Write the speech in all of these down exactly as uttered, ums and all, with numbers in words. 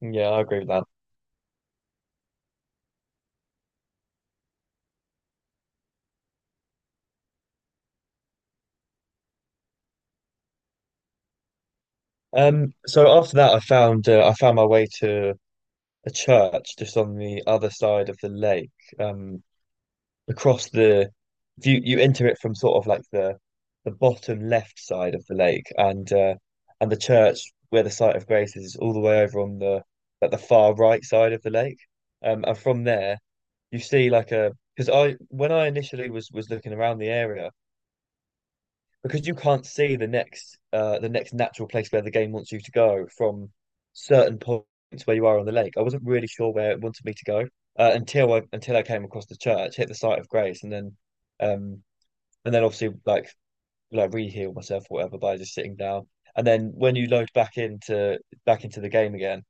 Yeah, I agree with that. Um, so after that, I found uh, I found my way to a church just on the other side of the lake. Um, across the if you you enter it from sort of like the the bottom left side of the lake, and uh, and the church where the site of grace is, is all the way over on the like the far right side of the lake. Um, and from there, you see like a because I when I initially was was looking around the area, because you can't see the next uh the next natural place where the game wants you to go from certain points where you are on the lake. I wasn't really sure where it wanted me to go uh, until I until I came across the church, hit the site of grace, and then um and then obviously like like re-heal myself or whatever by just sitting down. And then when you load back into back into the game again,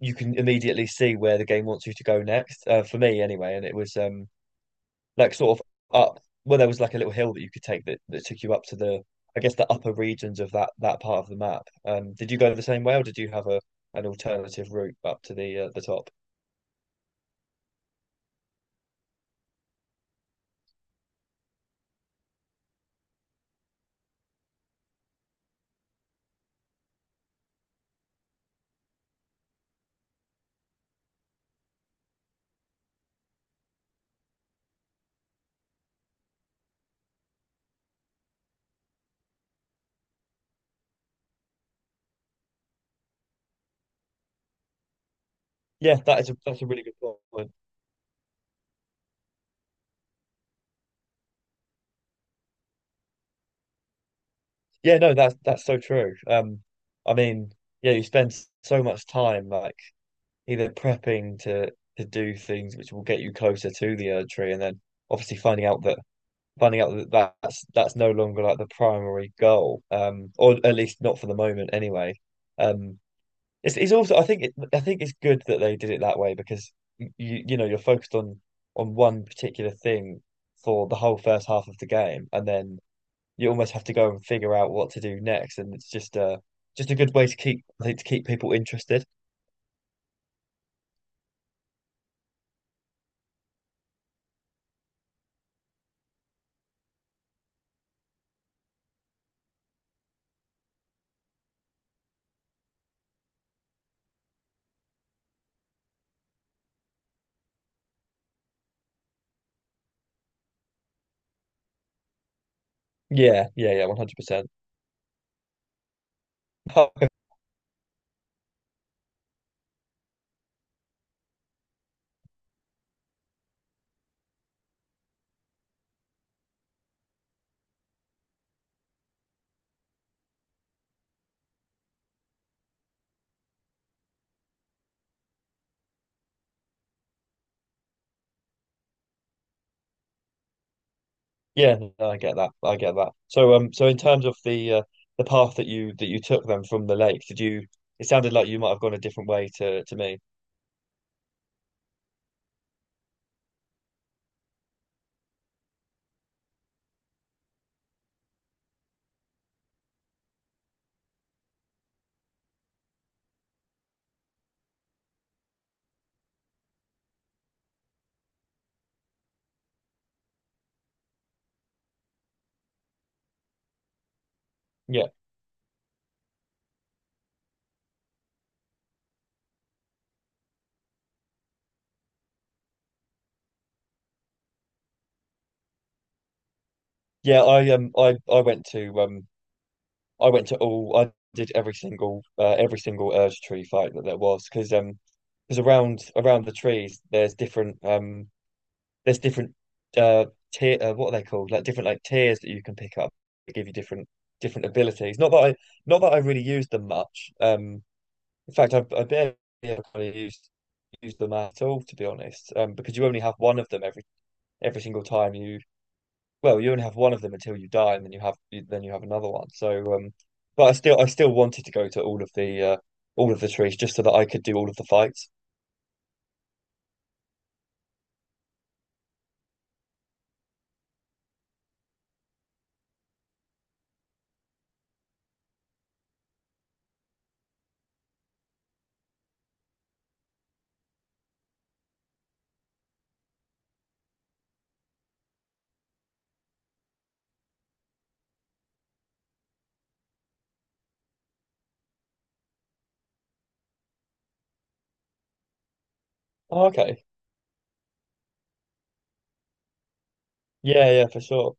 you can immediately see where the game wants you to go next. Uh, for me anyway, and it was um like sort of up, well, there was like a little hill that you could take that, that took you up to the, I guess, the upper regions of that that part of the map. Um, did you go the same way or did you have a an alternative route up to the uh, the top? Yeah, that is a that's a really good point. Yeah, no, that's that's so true. Um, I mean, yeah, you spend so much time like either prepping to to do things which will get you closer to the Erdtree, and then obviously finding out that finding out that that's that's no longer like the primary goal, um, or at least not for the moment anyway. Um, it's, it's also I think it, I think it's good that they did it that way because you you know you're focused on on one particular thing for the whole first half of the game, and then you almost have to go and figure out what to do next, and it's just uh just a good way to keep, I think, to keep people interested. Yeah, yeah, yeah, one hundred percent. Yeah, no, I get that. I get that. So, um, so in terms of the uh, the path that you that you took then from the lake, did you? It sounded like you might have gone a different way to to me. Yeah, yeah. I um, I I went to um, I went to all. I did every single uh, every single Urge Tree fight that there was because um, because around around the trees there's different um, there's different uh tier uh, what are they called? Like different like tiers that you can pick up that give you different different abilities. Not that I not that I really used them much. Um In fact, I've, I barely ever kind of used used them at all, to be honest, um, because you only have one of them every every single time you. Well, you only have one of them until you die, and then you have you, then you have another one. So, um, but I still I still wanted to go to all of the uh, all of the trees just so that I could do all of the fights. Oh, okay. Yeah, yeah, for sure.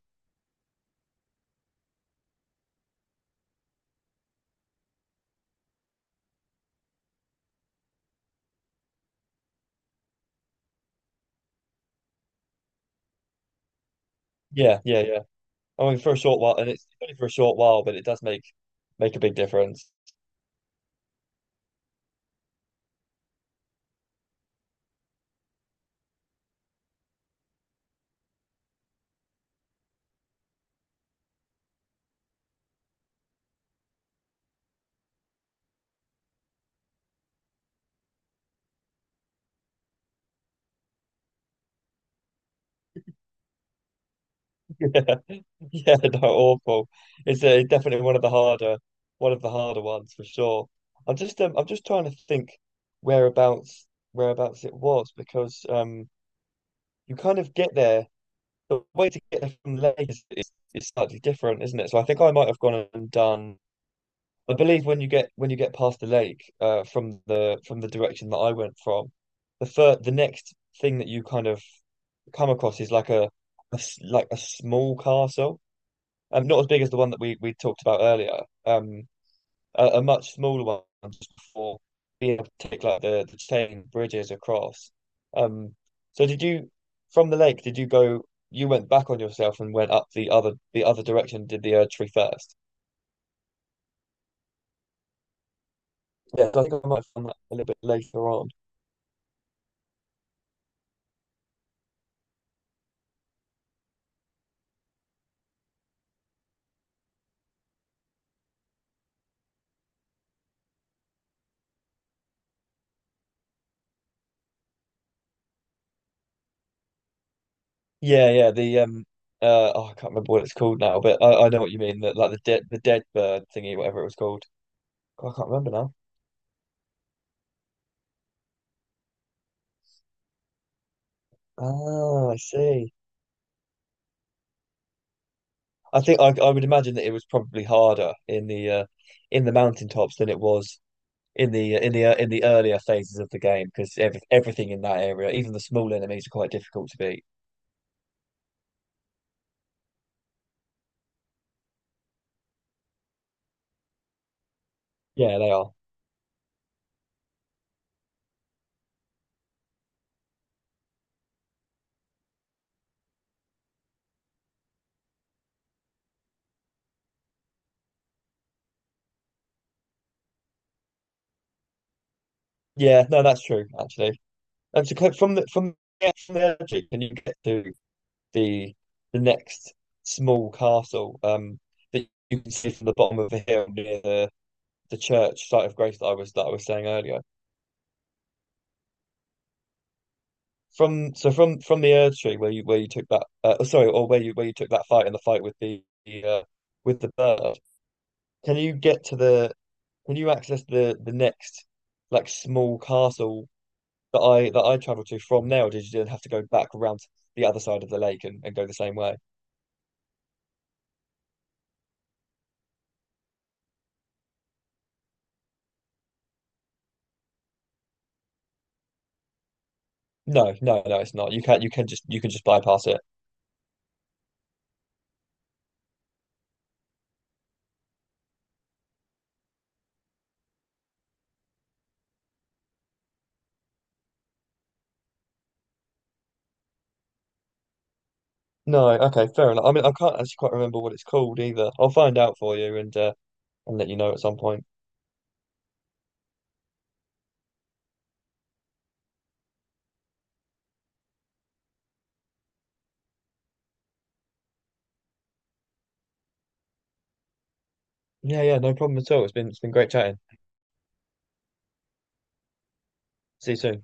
Yeah, yeah, yeah. I mean, for a short while, and it's only for a short while, but it does make make a big difference. Yeah, no, awful. It's, uh, definitely one of the harder, one of the harder ones for sure. I'm just, um, I'm just trying to think whereabouts, whereabouts it was because um, you kind of get there. The way to get there from Lagos is, is is slightly different, isn't it? So I think I might have gone and done. I believe when you get when you get past the lake, uh, from the from the direction that I went from, the fir the next thing that you kind of come across is like a, a s- like a small castle um, not as big as the one that we we talked about earlier. Um, a, a much smaller one just before being able to take like the the chain bridges across. Um, so did you from the lake? Did you go? You went back on yourself and went up the other the other direction. Did the Erdtree first? Yeah, so I think I might have done that a little bit later on. Yeah, yeah. The um, uh, oh, I can't remember what it's called now, but I, I know what you mean. That like the dead the dead bird thingy, whatever it was called. God, I can't remember now. Ah, I see. I think I, I would imagine that it was probably harder in the uh, in the mountaintops than it was in the in the uh, in the earlier phases of the game because every, everything in that area, even the small enemies, are quite difficult to beat. Yeah, they are. Yeah, no, that's true actually. And to click from the from the, from the energy, can you get to the the next small castle um that you can see from the bottom of the hill near the the church site of grace that I was that I was saying earlier? From so from from the Erd Tree where you where you took that uh, oh, sorry, or where you where you took that fight in the fight with the uh, with the bird. Can you get to the, can you access the the next like small castle that I that I traveled to from there, or did you have to go back around to the other side of the lake and, and go the same way? No, no, no, it's not. You can you can just you can just bypass it. No, okay, fair enough. I mean, I can't actually quite remember what it's called either. I'll find out for you and uh, and let you know at some point. Yeah, yeah, no problem at all. It's been it's been great chatting. See you soon.